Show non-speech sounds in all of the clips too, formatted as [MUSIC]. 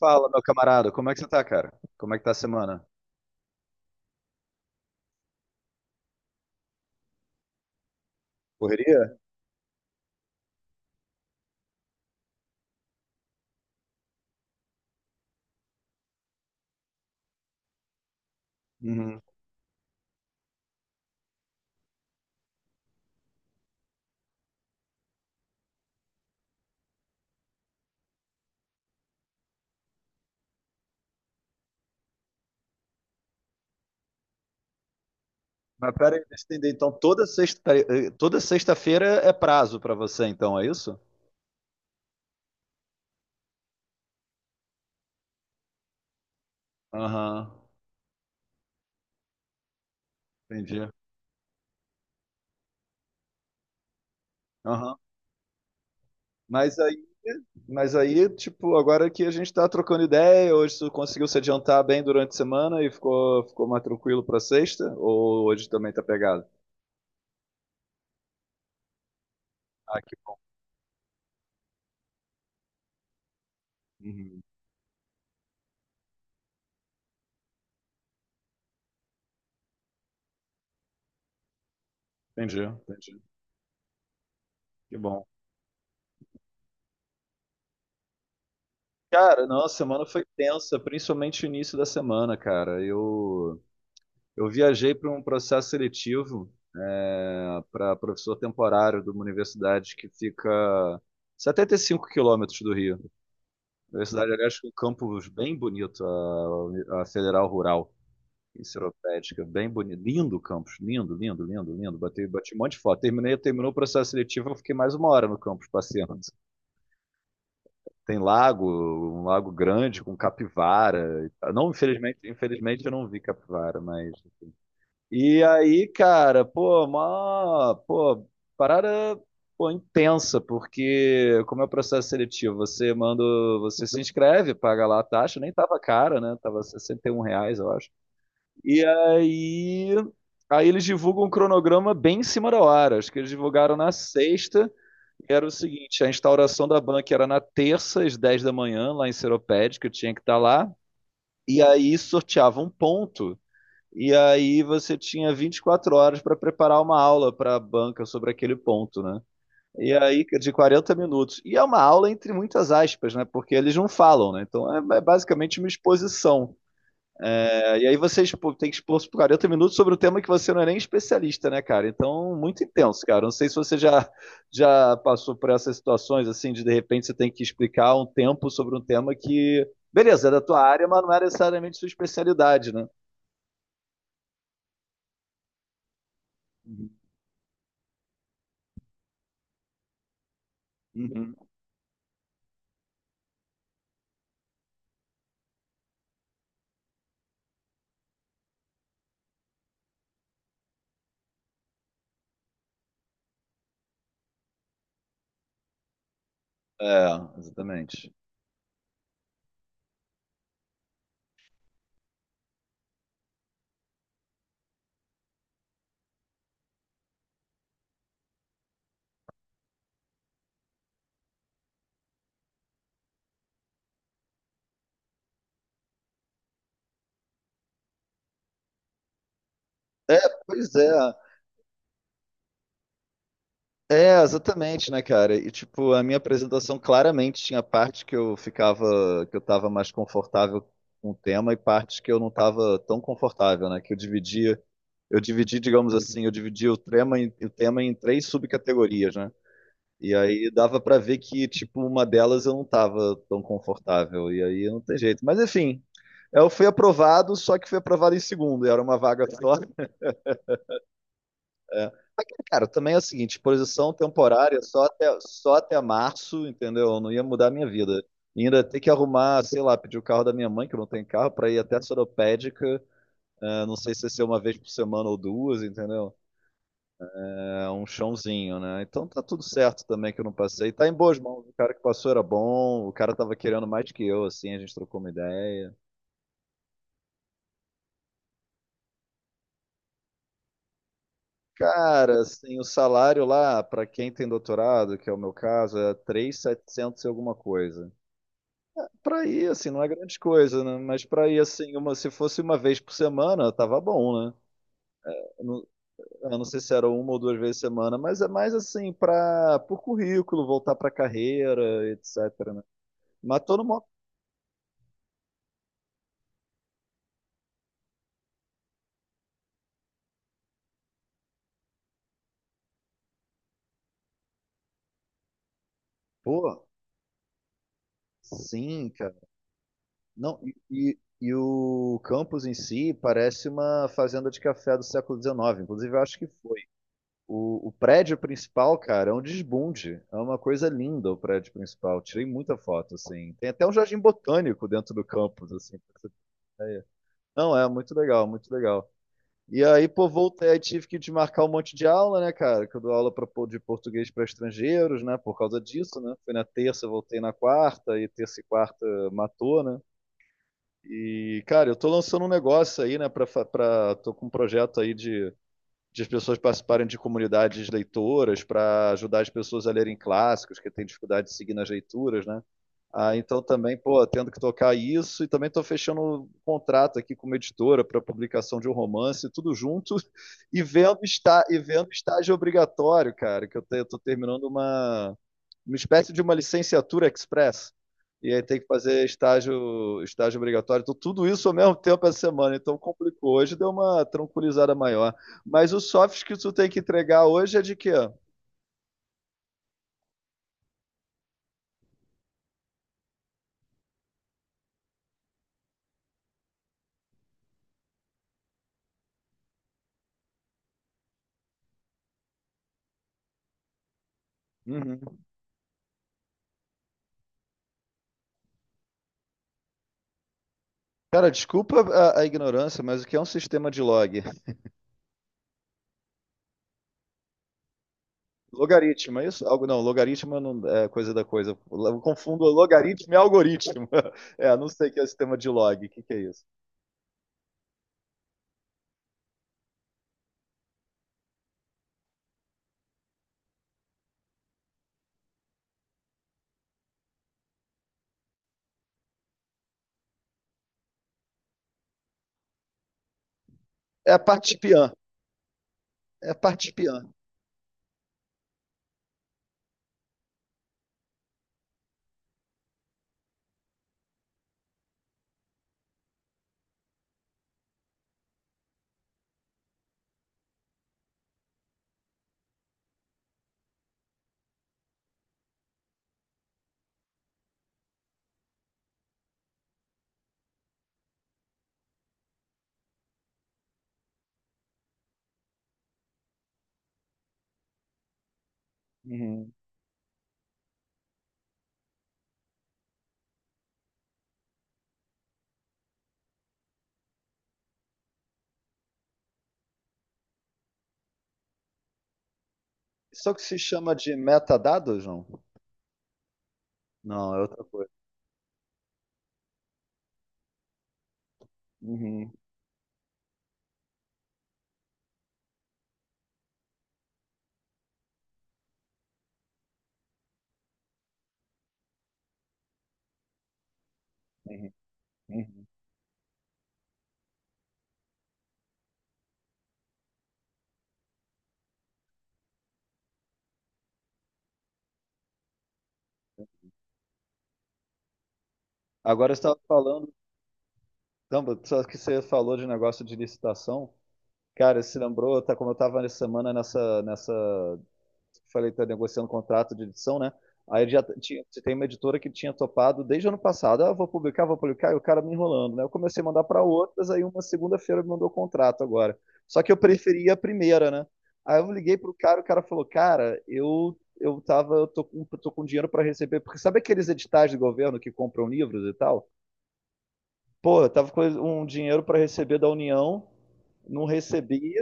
Fala, meu camarada, como é que você tá, cara? Como é que tá a semana? Correria? Uhum. Mas pera aí, deixa eu entender. Então, toda sexta, pera aí, toda sexta-feira é prazo pra você, então, é isso? Aham, entendi. Aham. Mas aí, mas aí, tipo, agora que a gente tá trocando ideia, hoje você conseguiu se adiantar bem durante a semana e ficou, ficou mais tranquilo pra sexta? Ou hoje também tá pegado? Ah, que bom. Uhum. Entendi, entendi. Que bom. Cara, não, a semana foi tensa, principalmente o início da semana, cara. Eu viajei para um processo seletivo, é, para professor temporário de uma universidade que fica 75 quilômetros do Rio. Universidade, aliás, com um campus bem bonito, a Federal Rural, em Seropédica, bem bonito. Lindo o campus, lindo, lindo, lindo, lindo. Bati um monte de foto. Terminei, terminou o processo seletivo, eu fiquei mais uma hora no campus passeando. Tem lago, um lago grande com capivara e tal. Não, infelizmente, infelizmente eu não vi capivara, mas... E aí, cara, pô, parada, pô, intensa, porque como é o processo seletivo, você manda, você se inscreve, paga lá a taxa, nem tava cara, né? Tava R$ 61, eu acho. E aí, aí eles divulgam um cronograma bem em cima da hora, acho que eles divulgaram na sexta, e era o seguinte, a instauração da banca era na terça, às 10 da manhã, lá em Seropédica, eu tinha que estar lá, e aí sorteava um ponto e aí você tinha 24 horas para preparar uma aula para a banca sobre aquele ponto, né? E aí, de 40 minutos. E é uma aula entre muitas aspas, né? Porque eles não falam, né? Então é, é basicamente uma exposição. É, e aí você tem que expor por 40 minutos sobre um tema que você não é nem especialista, né, cara? Então, muito intenso, cara. Não sei se você já, já passou por essas situações, assim, de repente você tem que explicar um tempo sobre um tema que, beleza, é da tua área, mas não é necessariamente sua especialidade, né? Uhum. É, exatamente. É, pois é. É, exatamente, né, cara? E tipo, a minha apresentação claramente tinha parte que eu tava mais confortável com o tema e partes que eu não tava tão confortável, né? Eu dividi, digamos assim, eu dividia o tema em três subcategorias, né? E aí dava pra ver que, tipo, uma delas eu não tava tão confortável. E aí não tem jeito. Mas enfim, eu fui aprovado, só que fui aprovado em segundo. E Era uma vaga só. É. Aqui, cara, também é o seguinte, posição temporária só até março, entendeu? Eu não ia mudar a minha vida. E ainda ter que arrumar, sei lá, pedir o carro da minha mãe, que não tem carro, pra ir até a Soropédica, não sei se vai ser uma vez por semana ou duas, entendeu? É um chãozinho, né? Então tá tudo certo também que eu não passei. Tá em boas mãos, o cara que passou era bom, o cara tava querendo mais que eu, assim, a gente trocou uma ideia. Cara, assim, o salário lá, pra quem tem doutorado, que é o meu caso, é 3.700 e alguma coisa. Pra ir, assim, não é grande coisa, né? Mas pra ir, assim, uma, se fosse uma vez por semana, tava bom, né? Eu não, eu não sei se era uma ou duas vezes por semana, mas é mais assim, pra, por currículo, voltar pra carreira, etc, né? Mas tô numa. Pô, sim, cara. Não, e o campus em si parece uma fazenda de café do século XIX, inclusive eu acho que foi. O prédio principal, cara, é um desbunde. É uma coisa linda o prédio principal. Tirei muita foto, assim. Tem até um jardim botânico dentro do campus, assim, pra você ter ideia. Não, é muito legal, muito legal. E aí, pô, voltei, aí tive que desmarcar um monte de aula, né, cara? Que eu dou aula de português para estrangeiros, né? Por causa disso, né? Fui na terça, voltei na quarta, e terça e quarta matou, né? E, cara, eu tô lançando um negócio aí, né? Tô com um projeto aí de as pessoas participarem de comunidades leitoras para ajudar as pessoas a lerem clássicos, que têm dificuldade de seguir nas leituras, né? Ah, então também, pô, tendo que tocar isso e também estou fechando um contrato aqui com uma editora para publicação de um romance, tudo junto [LAUGHS] e vendo estágio obrigatório, cara, que eu estou terminando uma espécie de uma licenciatura express. E aí tem que fazer estágio obrigatório. Então, tudo isso ao mesmo tempo essa semana, então complicou. Hoje deu uma tranquilizada maior. Mas o soft que tu tem que entregar hoje é de quê? Uhum. Cara, desculpa ignorância, mas o que é um sistema de log? Logaritmo, é isso? Algo, não, logaritmo não é coisa da coisa. Eu confundo logaritmo e algoritmo. [LAUGHS] É, não sei o que é o sistema de log. É isso? É a parte pian. É a parte pian. Uhum. Só que se chama de metadados, não? Não, é outra coisa. Uhum. Uhum, uhum. Agora você estava falando, não, só que você falou de negócio de licitação. Cara, se lembrou, tá, como eu tava nessa semana nessa, falei, tá negociando um contrato de edição, né? Tinha, tem uma editora que tinha topado desde o ano passado, ah, vou publicar, e o cara me enrolando, né? Eu comecei a mandar para outras, aí uma segunda-feira me mandou o contrato agora. Só que eu preferia a primeira, né? Aí eu liguei pro cara, o cara falou, cara, eu tô, tô com dinheiro para receber, porque sabe aqueles editais do governo que compram livros e tal? Pô, eu tava com um dinheiro para receber da União, não recebi.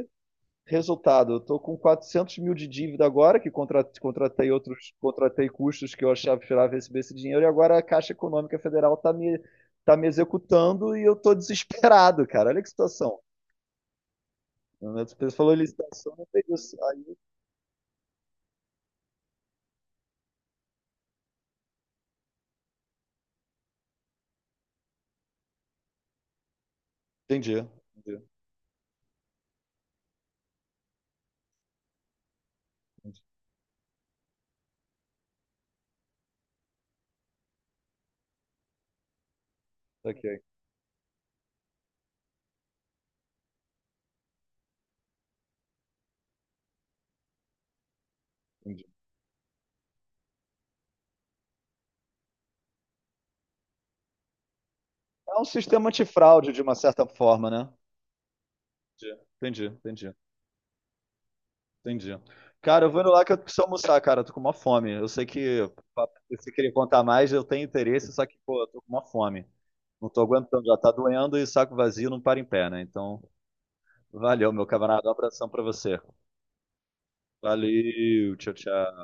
Resultado, eu tô com 400 mil de dívida agora, que contratei outros, contratei custos que eu achava que esperava receber esse dinheiro, e agora a Caixa Econômica Federal está tá me executando e eu estou desesperado, cara. Olha que situação. Você falou licitação, não tem isso. Aí... Entendi, entendi, entendi. Ok, entendi. É um sistema antifraude, de uma certa forma, né? Entendi, entendi, entendi. Entendi. Cara, eu vou indo lá que eu preciso almoçar, cara. Eu tô com uma fome. Eu sei que pra- se querer contar mais, eu tenho interesse, só que, pô, eu tô com uma fome. Não tô aguentando, já tá doendo e saco vazio não para em pé, né? Então, valeu, meu camarada. Um abração pra você. Valeu, tchau, tchau.